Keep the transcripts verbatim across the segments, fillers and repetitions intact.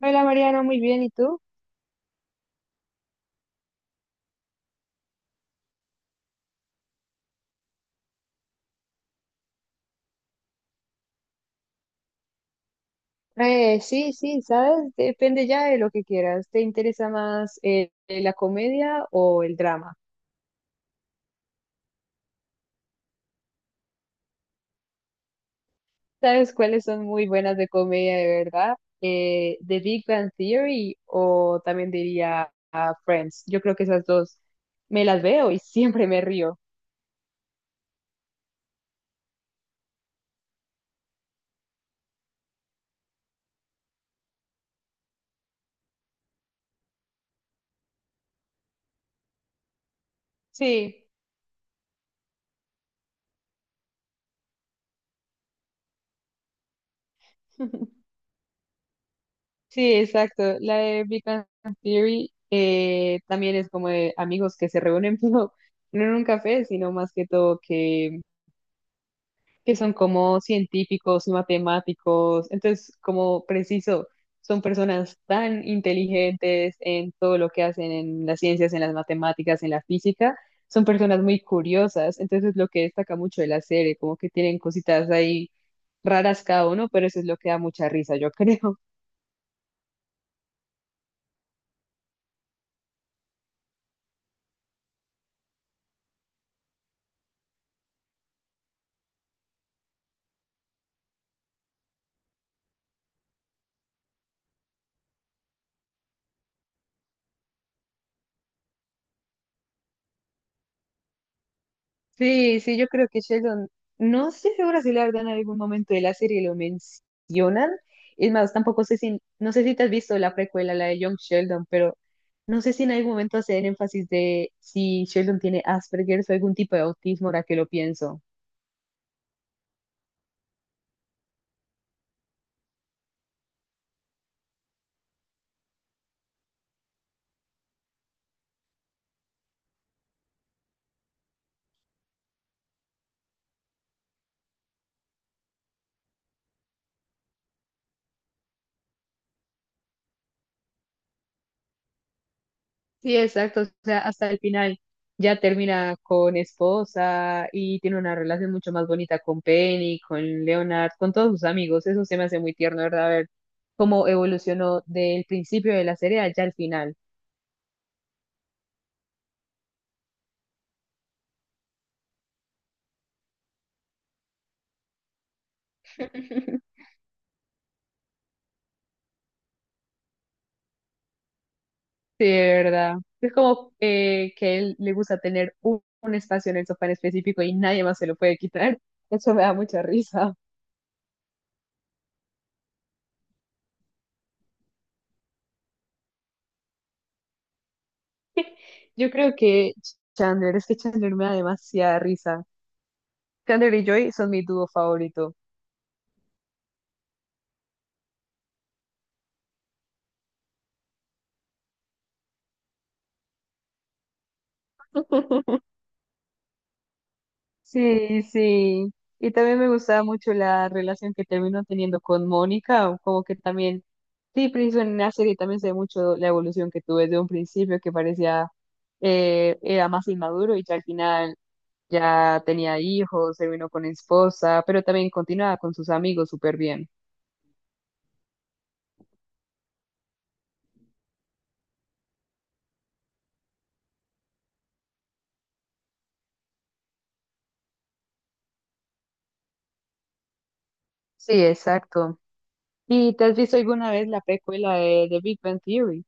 Hola Mariana, muy bien, ¿y tú? Eh, sí, sí, sabes, depende ya de lo que quieras. ¿Te interesa más eh, la comedia o el drama? ¿Sabes cuáles son muy buenas de comedia de verdad? Eh, The Big Bang Theory o también diría ah, Friends. Yo creo que esas dos me las veo y siempre me río. Sí. Sí, exacto. La de Big Bang Theory eh, también es como de amigos que se reúnen, pero no en un café, sino más que todo que que son como científicos y matemáticos. Entonces, como preciso, son personas tan inteligentes en todo lo que hacen en las ciencias, en las matemáticas, en la física. Son personas muy curiosas. Entonces, lo que destaca mucho de la serie, como que tienen cositas ahí raras cada uno, pero eso es lo que da mucha risa, yo creo. Sí, sí, yo creo que Sheldon, no estoy segura si la verdad en algún momento de la serie lo mencionan. Es más, tampoco sé si, no sé si te has visto la precuela, la de Young Sheldon, pero no sé si en algún momento hacen énfasis de si Sheldon tiene Asperger o algún tipo de autismo, ahora que lo pienso. Sí, exacto. O sea, hasta el final ya termina con esposa y tiene una relación mucho más bonita con Penny, con Leonard, con todos sus amigos. Eso se me hace muy tierno, ¿verdad? Ver cómo evolucionó del principio de la serie allá al final. Sí, de verdad. Es como eh, que él le gusta tener un, un espacio en el sofá en específico y nadie más se lo puede quitar. Eso me da mucha risa. Yo creo que Chandler, es que Chandler me da demasiada risa. Chandler y Joy son mi dúo favorito. Sí, sí. Y también me gustaba mucho la relación que terminó teniendo con Mónica, o como que también, sí, preciso en la serie también se ve mucho la evolución que tuve desde un principio, que parecía, eh, era más inmaduro y ya al final ya tenía hijos, se vino con esposa, pero también continuaba con sus amigos súper bien. Sí, exacto. ¿Y te has visto alguna vez la precuela de, de Big Bang Theory?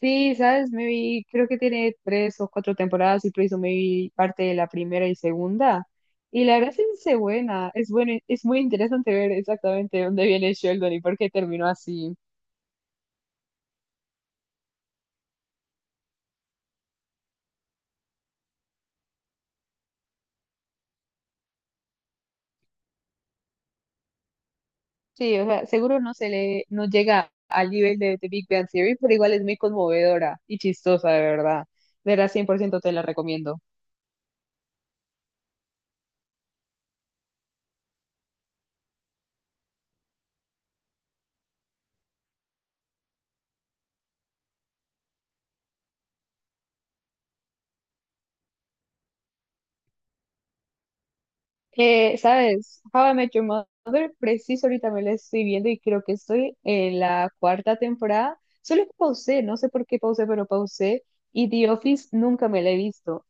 Sí, sabes, me vi, creo que tiene tres o cuatro temporadas y por eso me vi parte de la primera y segunda. Y la verdad es que es buena, es bueno, es muy interesante ver exactamente dónde viene Sheldon y por qué terminó así. Sí, o sea, seguro no se le, no llega al nivel de The Big Bang Theory, pero igual es muy conmovedora y chistosa, de verdad. De verdad, cien por ciento te la recomiendo. Eh, ¿sabes? How I Met Your Mother, preciso ahorita me la estoy viendo y creo que estoy en la cuarta temporada. Solo que pausé, no sé por qué pausé, pero pausé. Y The Office nunca me la he visto.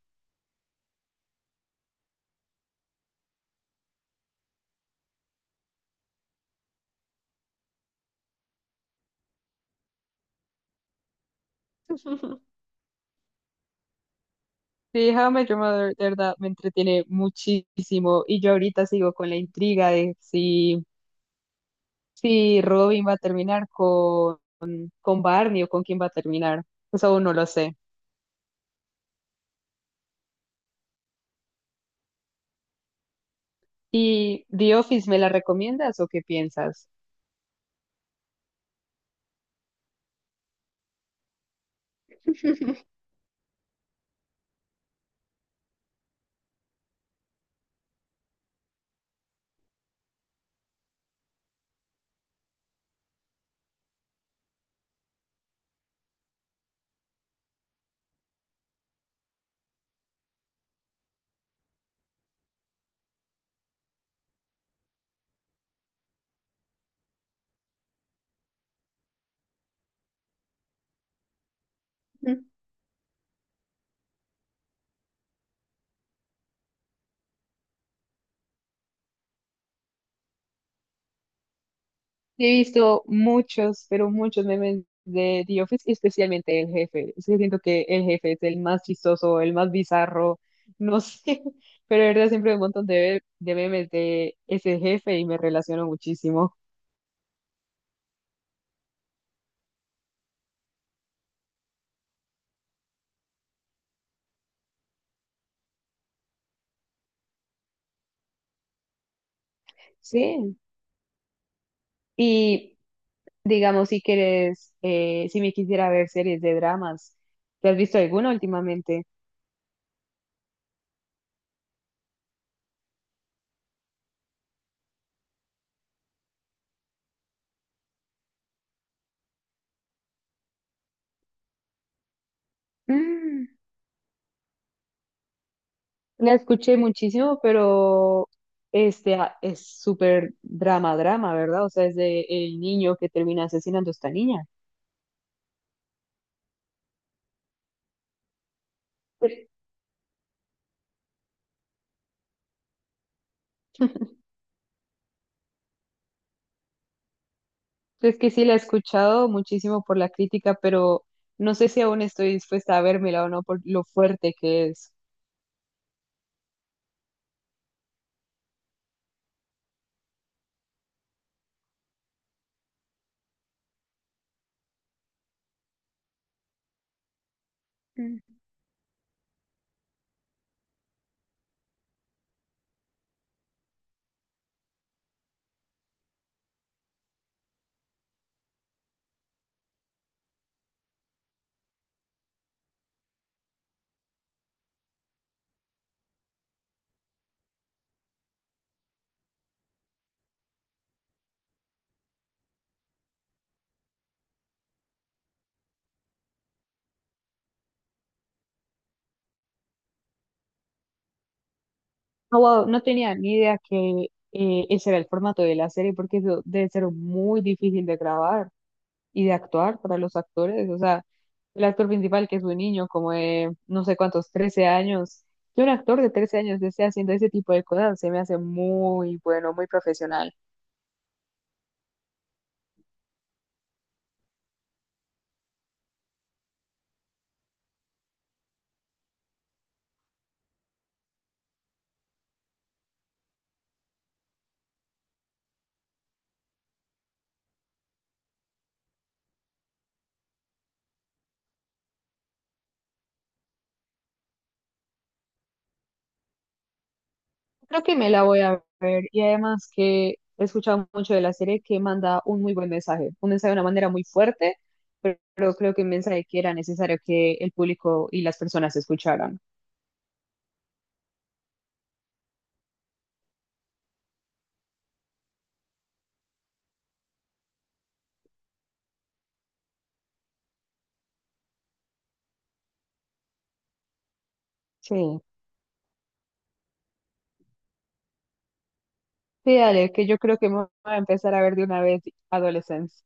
Sí, How I Met Your Mother, de verdad, me entretiene muchísimo. Y yo ahorita sigo con la intriga de si, si Robin va a terminar con, con Barney o con quién va a terminar. Eso aún no lo sé. ¿Y The Office me la recomiendas o qué piensas? He visto muchos, pero muchos memes de The Office, y especialmente el jefe. Es que siento que el jefe es el más chistoso, el más bizarro, no sé, pero de verdad siempre hay un montón de, de memes de ese jefe y me relaciono muchísimo. Sí, y digamos, si quieres, eh, si me quisiera ver series de dramas, ¿te has visto alguna últimamente? Mm. La escuché muchísimo, pero este ah, es súper drama, drama, ¿verdad? O sea, es de el niño que termina asesinando a esta niña. Sí. Es que sí la he escuchado muchísimo por la crítica, pero no sé si aún estoy dispuesta a vérmela o no por lo fuerte que es. Mm. No, wow, no tenía ni idea que eh, ese era el formato de la serie, porque eso debe ser muy difícil de grabar. Y de actuar para los actores. O sea, el actor principal, que es un niño como de no sé cuántos, trece años, que un actor de trece años esté haciendo ese tipo de cosas, se me hace muy bueno, muy profesional. Creo que me la voy a ver y además que he escuchado mucho de la serie que manda un muy buen mensaje, un mensaje de una manera muy fuerte, pero, pero creo que un mensaje que era necesario que el público y las personas escucharan. Sí. Sí, dale, que yo creo que me voy a empezar a ver de una vez Adolescence.